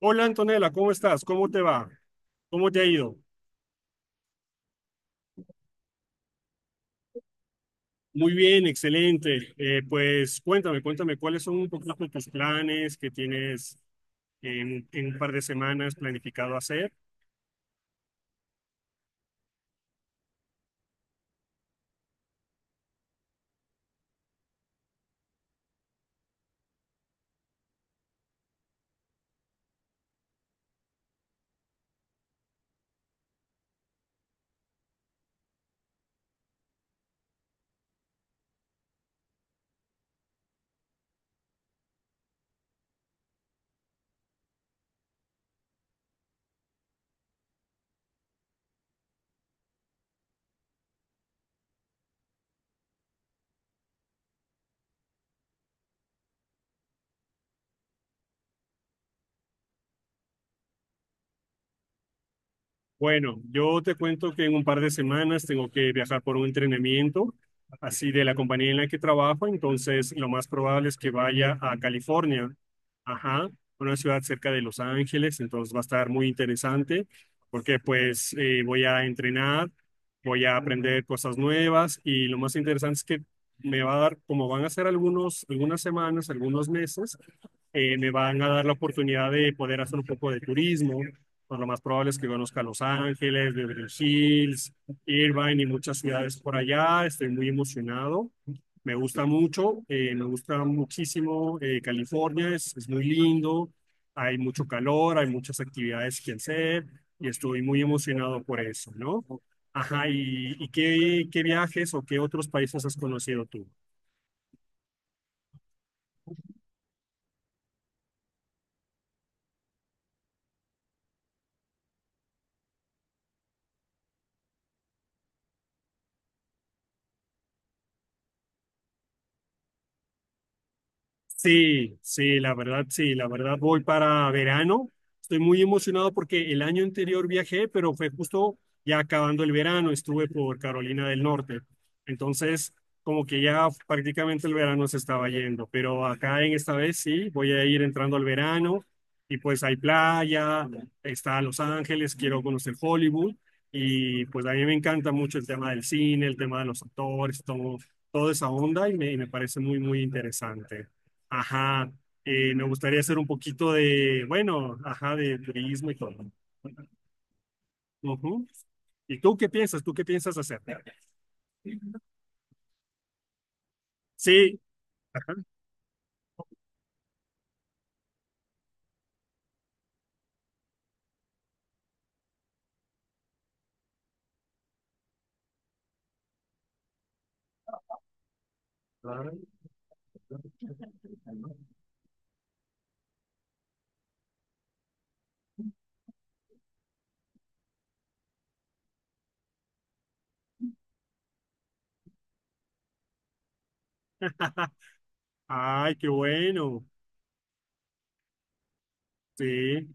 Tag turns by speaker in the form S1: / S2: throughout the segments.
S1: Hola Antonella, ¿cómo estás? ¿Cómo te va? ¿Cómo te ha ido? Muy bien, excelente. Pues cuéntame, cuéntame cuáles son un poquito tus planes que tienes en un par de semanas planificado hacer. Bueno, yo te cuento que en un par de semanas tengo que viajar por un entrenamiento, así de la compañía en la que trabajo, entonces lo más probable es que vaya a California, ajá, una ciudad cerca de Los Ángeles, entonces va a estar muy interesante porque pues voy a entrenar, voy a aprender cosas nuevas y lo más interesante es que me va a dar, como van a ser algunas semanas, algunos meses, me van a dar la oportunidad de poder hacer un poco de turismo. Pues lo más probable es que conozca Los Ángeles, Beverly Hills, Irvine y muchas ciudades por allá. Estoy muy emocionado. Me gusta mucho, me gusta muchísimo California, es muy lindo, hay mucho calor, hay muchas actividades que hacer y estoy muy emocionado por eso, ¿no? Ajá, ¿ qué viajes o qué otros países has conocido tú? Sí, sí, la verdad voy para verano. Estoy muy emocionado porque el año anterior viajé, pero fue justo ya acabando el verano, estuve por Carolina del Norte. Entonces, como que ya prácticamente el verano se estaba yendo, pero acá en esta vez sí, voy a ir entrando al verano y pues hay playa, está Los Ángeles, quiero conocer Hollywood y pues a mí me encanta mucho el tema del cine, el tema de los actores, todo, toda esa onda y me parece muy interesante. Ajá, me gustaría hacer un poquito de, bueno, ajá, de turismo y todo. Ujú. ¿Y tú qué piensas? ¿Tú qué piensas hacer? Sí, ajá. Ay, qué bueno. Sí.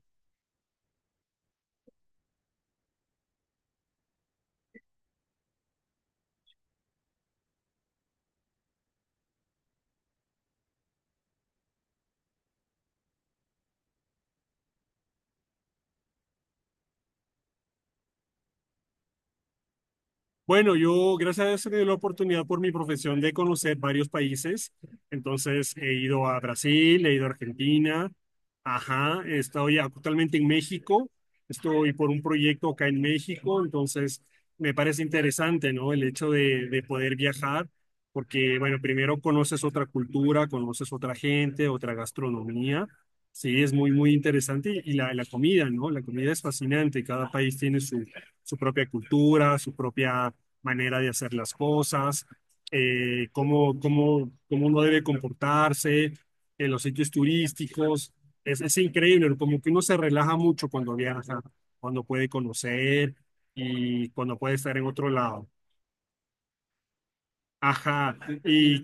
S1: Bueno, yo gracias a Dios he tenido la oportunidad por mi profesión de conocer varios países. Entonces he ido a Brasil, he ido a Argentina, ajá, estoy actualmente en México, estoy por un proyecto acá en México, entonces me parece interesante, ¿no? El hecho de poder viajar, porque bueno, primero conoces otra cultura, conoces otra gente, otra gastronomía. Sí, es muy interesante y la comida, ¿no? La comida es fascinante, cada país tiene su su propia cultura, su propia manera de hacer las cosas, cómo uno debe comportarse en los sitios turísticos. Es increíble, ¿no? Como que uno se relaja mucho cuando viaja, cuando puede conocer y cuando puede estar en otro lado. Ajá. Y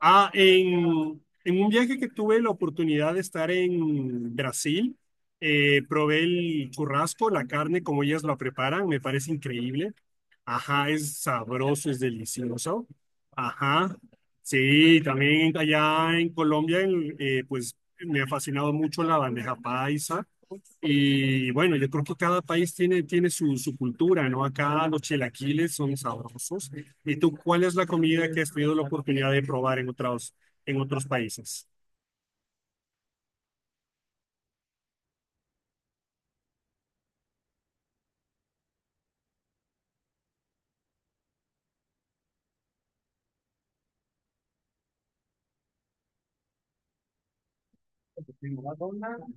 S1: en en, un viaje que tuve la oportunidad de estar en Brasil, probé el churrasco, la carne, como ellas la preparan, me parece increíble. Ajá, es sabroso, es delicioso. Ajá. Sí, también allá en Colombia, pues me ha fascinado mucho la bandeja paisa. Y bueno, yo creo que cada país tiene, tiene su, su cultura, ¿no? Acá los chilaquiles son sabrosos. ¿Y tú cuál es la comida que has tenido la oportunidad de probar en otros países?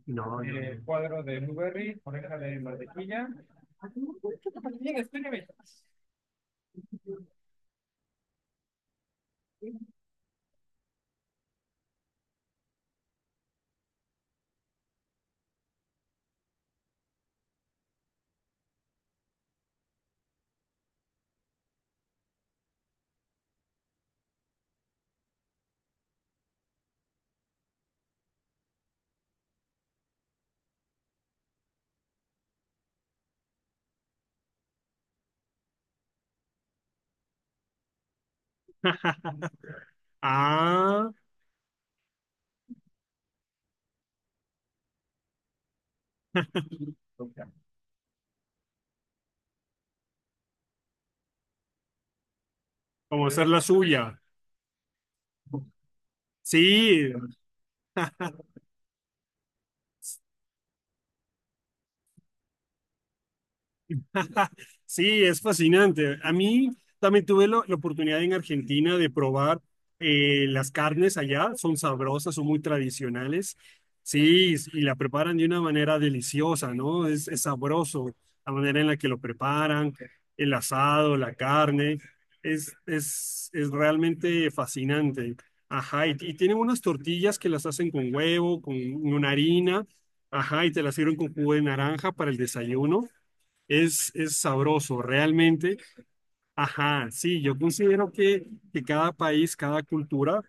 S1: No, no, no. Ah, como hacer la suya. Sí, sí, es fascinante. A mí también tuve lo- la oportunidad en Argentina de probar las carnes allá. Son sabrosas, son muy tradicionales. Sí, y la preparan de una manera deliciosa, ¿no? Es sabroso la manera en la que lo preparan, el asado, la carne. Es realmente fascinante. Ajá, y tienen unas tortillas que las hacen con huevo, con una harina. Ajá, y te las sirven con jugo de naranja para el desayuno. Es sabroso, realmente. Ajá, sí, yo considero que cada país, cada cultura,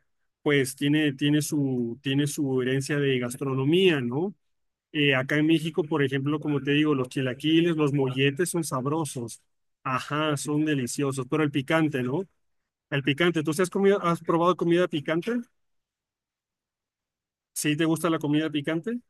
S1: pues tiene, tiene su herencia de gastronomía, ¿no? Acá en México, por ejemplo, como te digo, los chilaquiles, los molletes son sabrosos. Ajá, son deliciosos, pero el picante, ¿no? El picante, ¿tú sí has comido, has probado comida picante? ¿Sí te gusta la comida picante?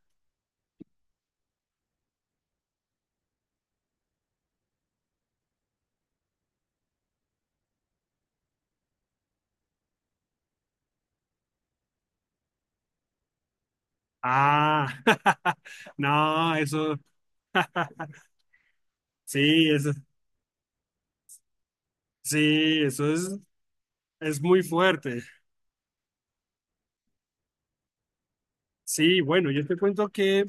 S1: Ah, no, eso, sí, eso, sí, eso es muy fuerte. Sí, bueno, yo te cuento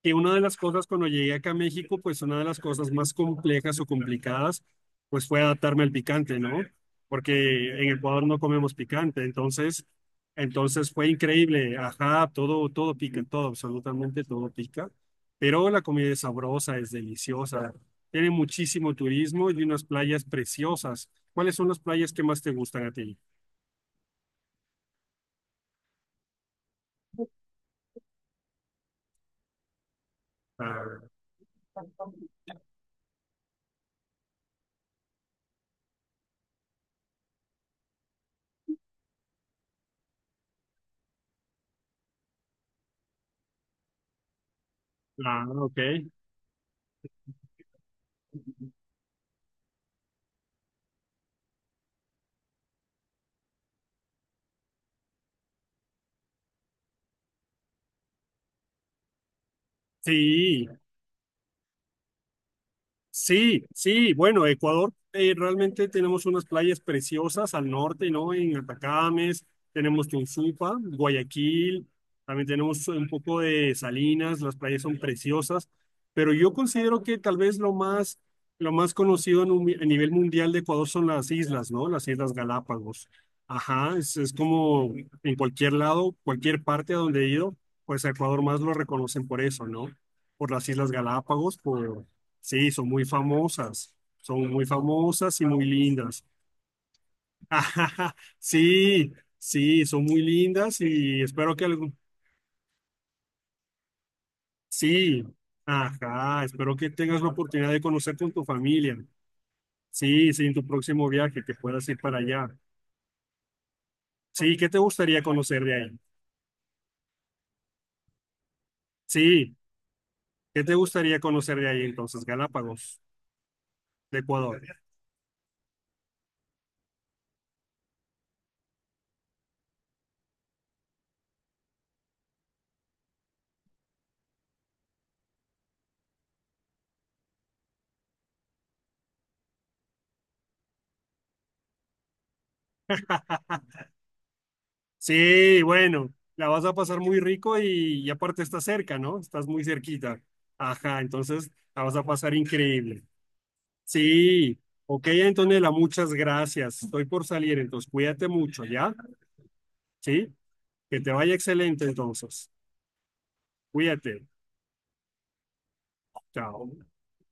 S1: que una de las cosas cuando llegué acá a México, pues una de las cosas más complejas o complicadas, pues fue adaptarme al picante, ¿no? Porque en Ecuador no comemos picante, entonces fue increíble, ajá, todo, todo pica, todo, absolutamente todo pica, pero la comida es sabrosa, es deliciosa, tiene muchísimo turismo y unas playas preciosas. ¿Cuáles son las playas que más te gustan a ti? Ah, ah, ok. Sí, sí, sí, bueno, Ecuador, realmente tenemos unas playas preciosas al norte, ¿no? En Atacames, tenemos Tunsupa, Guayaquil, también tenemos un poco de Salinas, las playas son preciosas, pero yo considero que tal vez lo más conocido en un mi- a nivel mundial de Ecuador son las islas, ¿no? Las Islas Galápagos. Ajá, es como en cualquier lado, cualquier parte a donde he ido, pues a Ecuador más lo reconocen por eso, ¿no? Por las Islas Galápagos. Sí, son muy famosas y muy lindas. Sí, sí, son muy lindas y espero que algún... Sí, ajá, espero que tengas la oportunidad de conocer con tu familia. Sí, sí, en tu próximo viaje, que puedas ir para allá. Sí, ¿qué te gustaría conocer de ahí? Sí, ¿qué te gustaría conocer de ahí entonces? Galápagos, de Ecuador. Sí, bueno, la vas a pasar muy rico y aparte estás cerca, ¿no? Estás muy cerquita. Ajá, entonces la vas a pasar increíble. Sí, ok, Antonella, muchas gracias. Estoy por salir, entonces cuídate mucho, ¿ya? Sí, que te vaya excelente entonces. Cuídate. Chao.